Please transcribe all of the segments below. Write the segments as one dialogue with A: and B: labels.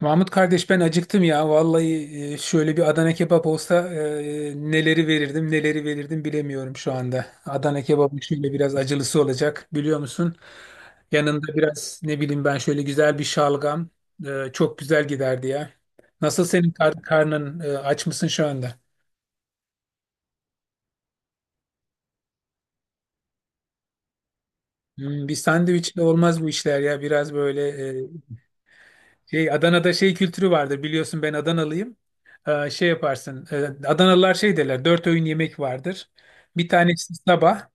A: Mahmut kardeş ben acıktım ya. Vallahi şöyle bir Adana kebap olsa neleri verirdim neleri verirdim bilemiyorum şu anda. Adana kebabı şöyle biraz acılısı olacak biliyor musun? Yanında biraz ne bileyim ben şöyle güzel bir şalgam çok güzel giderdi ya. Nasıl senin karnın aç mısın şu anda? Bir sandviçle olmaz bu işler ya. Biraz böyle e, Şey, Adana'da şey kültürü vardır biliyorsun, ben Adanalıyım. Şey yaparsın. Adanalılar şey derler. Dört öğün yemek vardır. Bir tanesi sabah,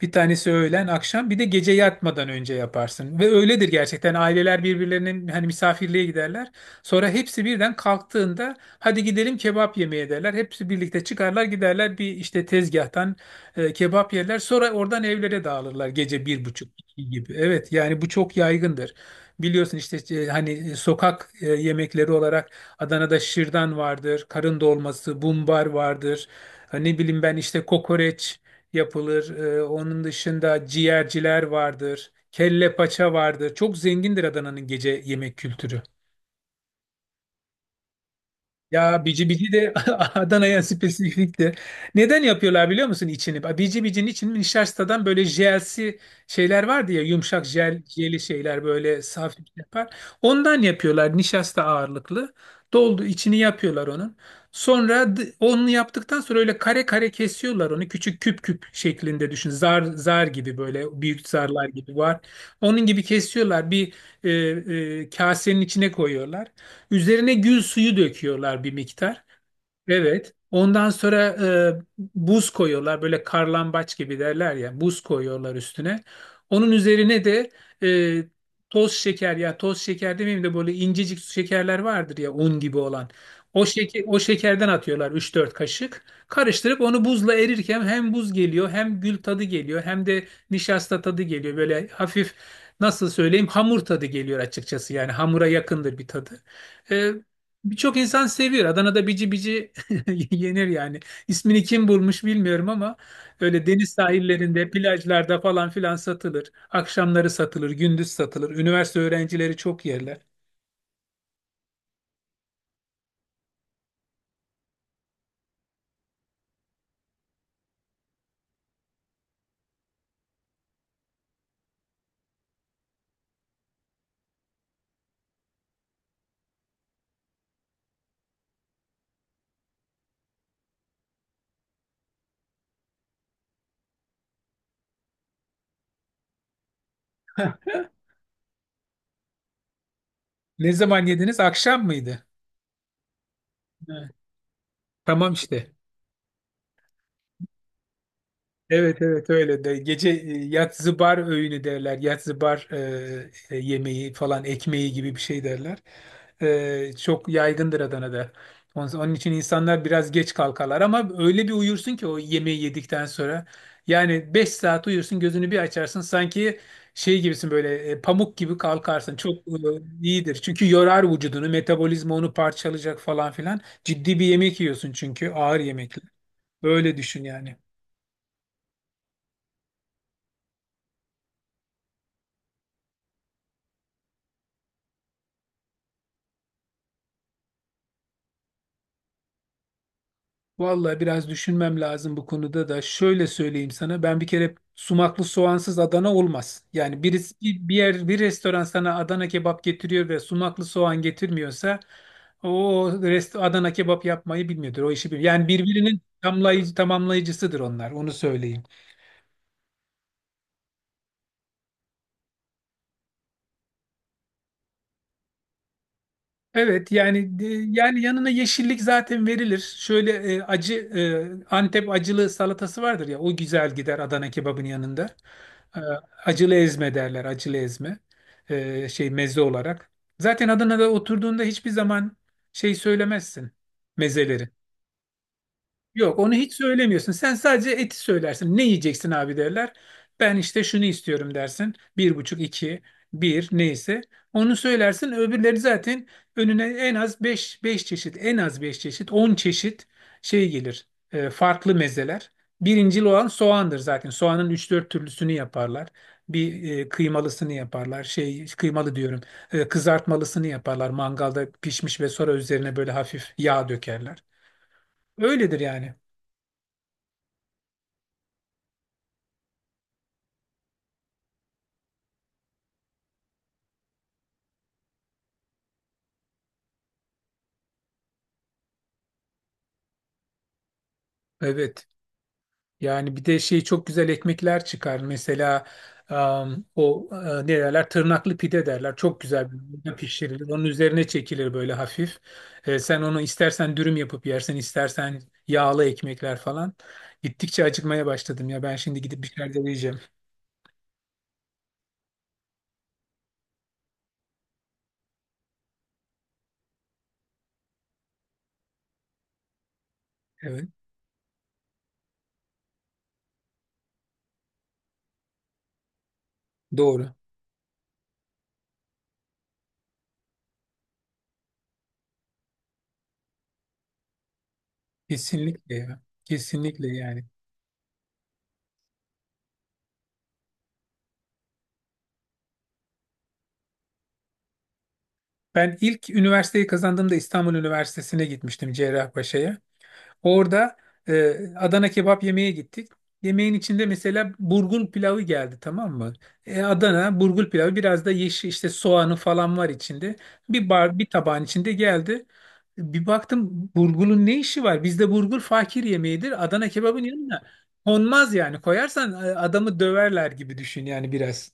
A: bir tanesi öğlen, akşam, bir de gece yatmadan önce yaparsın. Ve öyledir gerçekten. Aileler birbirlerinin hani misafirliğe giderler. Sonra hepsi birden kalktığında hadi gidelim kebap yemeye derler. Hepsi birlikte çıkarlar giderler bir işte tezgahtan kebap yerler. Sonra oradan evlere dağılırlar gece bir buçuk iki gibi. Evet yani bu çok yaygındır. Biliyorsun işte hani sokak yemekleri olarak Adana'da şırdan vardır, karın dolması, bumbar vardır. Ha, ne bileyim ben işte kokoreç yapılır. Onun dışında ciğerciler vardır. Kelle paça vardır. Çok zengindir Adana'nın gece yemek kültürü. Ya bici bici de Adana'ya spesifik de. Neden yapıyorlar biliyor musun içini? Bici bicinin içini nişastadan böyle jelsi şeyler vardı ya, yumuşak jeli şeyler böyle saf yapar. Ondan yapıyorlar nişasta ağırlıklı. Doldu içini yapıyorlar onun. Sonra onu yaptıktan sonra öyle kare kare kesiyorlar onu. Küçük küp küp şeklinde düşün. Zar zar gibi böyle büyük zarlar gibi var. Onun gibi kesiyorlar. Bir e, kasenin içine koyuyorlar. Üzerine gül suyu döküyorlar bir miktar. Evet. Ondan sonra e, buz koyuyorlar. Böyle karlambaç gibi derler ya. Buz koyuyorlar üstüne. Onun üzerine de e, toz şeker, ya toz şeker demeyeyim de böyle incecik şekerler vardır ya un gibi olan. O şeker, o şekerden atıyorlar üç dört kaşık. Karıştırıp onu buzla erirken hem buz geliyor hem gül tadı geliyor hem de nişasta tadı geliyor. Böyle hafif nasıl söyleyeyim, hamur tadı geliyor açıkçası. Yani hamura yakındır bir tadı. E, Birçok insan seviyor. Adana'da bici bici yenir yani. İsmini kim bulmuş bilmiyorum ama öyle deniz sahillerinde, plajlarda falan filan satılır. Akşamları satılır, gündüz satılır. Üniversite öğrencileri çok yerler. Ne zaman yediniz? Akşam mıydı? Evet. Tamam işte. Evet, evet, öyle de gece yatzıbar öğünü derler, yatzıbar yemeği falan, ekmeği gibi bir şey derler. Çok yaygındır Adana'da. Onun, onun için insanlar biraz geç kalkarlar ama öyle bir uyursun ki o yemeği yedikten sonra. Yani 5 saat uyursun, gözünü bir açarsın sanki şey gibisin, böyle pamuk gibi kalkarsın. Çok iyidir çünkü yorar vücudunu, metabolizma onu parçalayacak falan filan. Ciddi bir yemek yiyorsun çünkü ağır yemekler. Öyle düşün yani. Vallahi biraz düşünmem lazım bu konuda da. Şöyle söyleyeyim sana. Ben bir kere sumaklı soğansız Adana olmaz. Yani birisi bir yer, bir restoran sana Adana kebap getiriyor ve sumaklı soğan getirmiyorsa, o Adana kebap yapmayı bilmiyordur. O işi bilmiyor. Yani birbirinin tamamlayıcısıdır onlar. Onu söyleyeyim. Evet yani yanına yeşillik zaten verilir. Şöyle acı Antep acılı salatası vardır ya, o güzel gider Adana kebabın yanında. E, Acılı ezme derler, acılı ezme, şey, meze olarak. Zaten Adana'da oturduğunda hiçbir zaman şey söylemezsin, mezeleri. Yok, onu hiç söylemiyorsun. Sen sadece eti söylersin. Ne yiyeceksin abi derler. Ben işte şunu istiyorum dersin. Bir buçuk, iki, bir neyse. Onu söylersin. Öbürleri zaten önüne en az beş çeşit, en az beş çeşit, 10 çeşit şey gelir. Farklı mezeler. Birincil olan soğandır zaten. Soğanın üç dört türlüsünü yaparlar. Bir kıymalısını yaparlar. Şey, kıymalı diyorum. Kızartmalısını yaparlar. Mangalda pişmiş ve sonra üzerine böyle hafif yağ dökerler. Öyledir yani. Evet. Yani bir de şey, çok güzel ekmekler çıkar. Mesela o, ne derler? Tırnaklı pide derler. Çok güzel bir pişirilir. Onun üzerine çekilir böyle hafif. Sen onu istersen dürüm yapıp yersin, istersen yağlı ekmekler falan. Gittikçe acıkmaya başladım ya. Ben şimdi gidip bir şeyler de yiyeceğim. Evet. Doğru. Kesinlikle ya. Kesinlikle yani. Ben ilk üniversiteyi kazandığımda İstanbul Üniversitesi'ne gitmiştim, Cerrahpaşa'ya. Orada Adana kebap yemeye gittik. Yemeğin içinde mesela burgul pilavı geldi, tamam mı? Adana burgul pilavı biraz da yeşil işte, soğanı falan var içinde. Bir tabağın içinde geldi. Bir baktım burgulun ne işi var? Bizde burgul fakir yemeğidir. Adana kebabın yanına konmaz yani. Koyarsan adamı döverler gibi düşün yani biraz.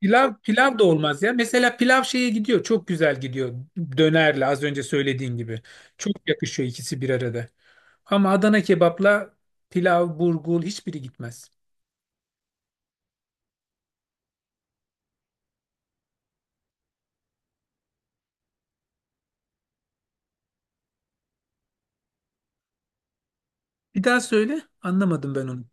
A: Pilav pilav da olmaz ya. Mesela pilav şeye gidiyor. Çok güzel gidiyor. Dönerle, az önce söylediğin gibi. Çok yakışıyor ikisi bir arada. Ama Adana kebapla pilav, burgul hiçbiri gitmez. Bir daha söyle. Anlamadım ben onu.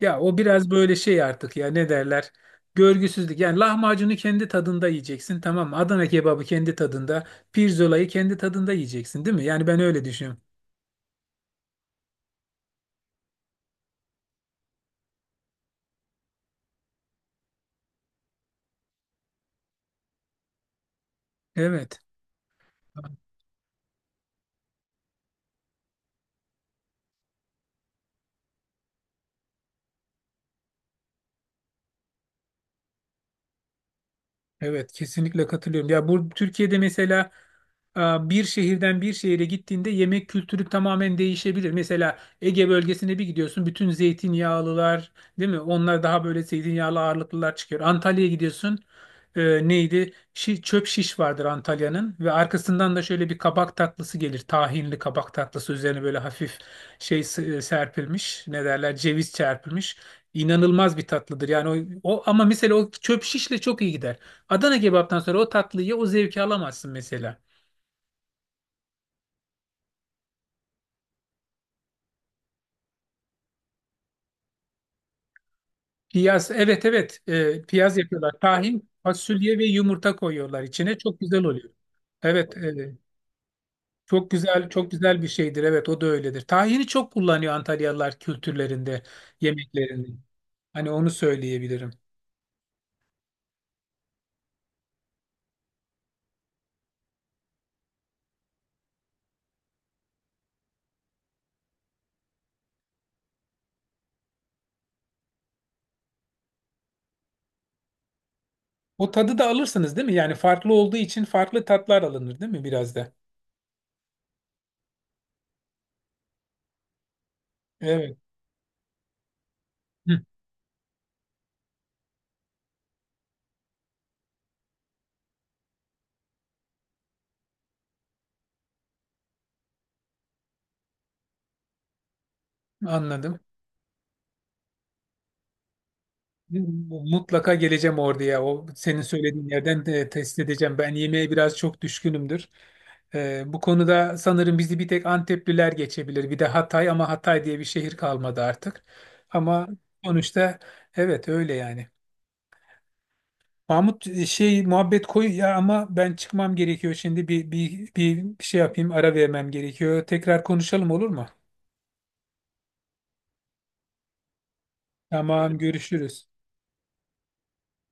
A: Ya o biraz böyle şey artık ya, ne derler? Görgüsüzlük. Yani lahmacunu kendi tadında yiyeceksin, tamam mı? Adana kebabı kendi tadında, pirzolayı kendi tadında yiyeceksin, değil mi? Yani ben öyle düşünüyorum. Evet. Evet, kesinlikle katılıyorum. Ya bu Türkiye'de mesela e, bir şehirden bir şehire gittiğinde yemek kültürü tamamen değişebilir. Mesela Ege bölgesine bir gidiyorsun, bütün zeytinyağlılar, değil mi? Onlar daha böyle zeytinyağlı ağırlıklılar çıkıyor. Antalya'ya gidiyorsun, neydi? Çöp şiş vardır Antalya'nın ve arkasından da şöyle bir kabak tatlısı gelir. Tahinli kabak tatlısı üzerine böyle hafif şey serpilmiş, ne derler? Ceviz çarpılmış. İnanılmaz bir tatlıdır. Yani o ama mesela o çöp şişle çok iyi gider. Adana kebaptan sonra o tatlıyı, o zevki alamazsın mesela. Piyaz, evet, evet, piyaz yapıyorlar. Tahin, fasulye ve yumurta koyuyorlar içine. Çok güzel oluyor. Evet, çok güzel, çok güzel bir şeydir. Evet, o da öyledir. Tahini çok kullanıyor Antalyalılar kültürlerinde, yemeklerinde. Hani onu söyleyebilirim. O tadı da alırsınız değil mi? Yani farklı olduğu için farklı tatlar alınır değil mi biraz da? Evet. Hı, anladım. Mutlaka geleceğim orduya. O senin söylediğin yerden de test edeceğim. Ben yemeğe biraz çok düşkünümdür. Bu konuda sanırım bizi bir tek Antepliler geçebilir. Bir de Hatay, ama Hatay diye bir şehir kalmadı artık. Ama sonuçta, evet, öyle yani. Mahmut, şey muhabbet koy ya, ama ben çıkmam gerekiyor şimdi. Bir şey yapayım, ara vermem gerekiyor. Tekrar konuşalım, olur mu? Tamam, görüşürüz.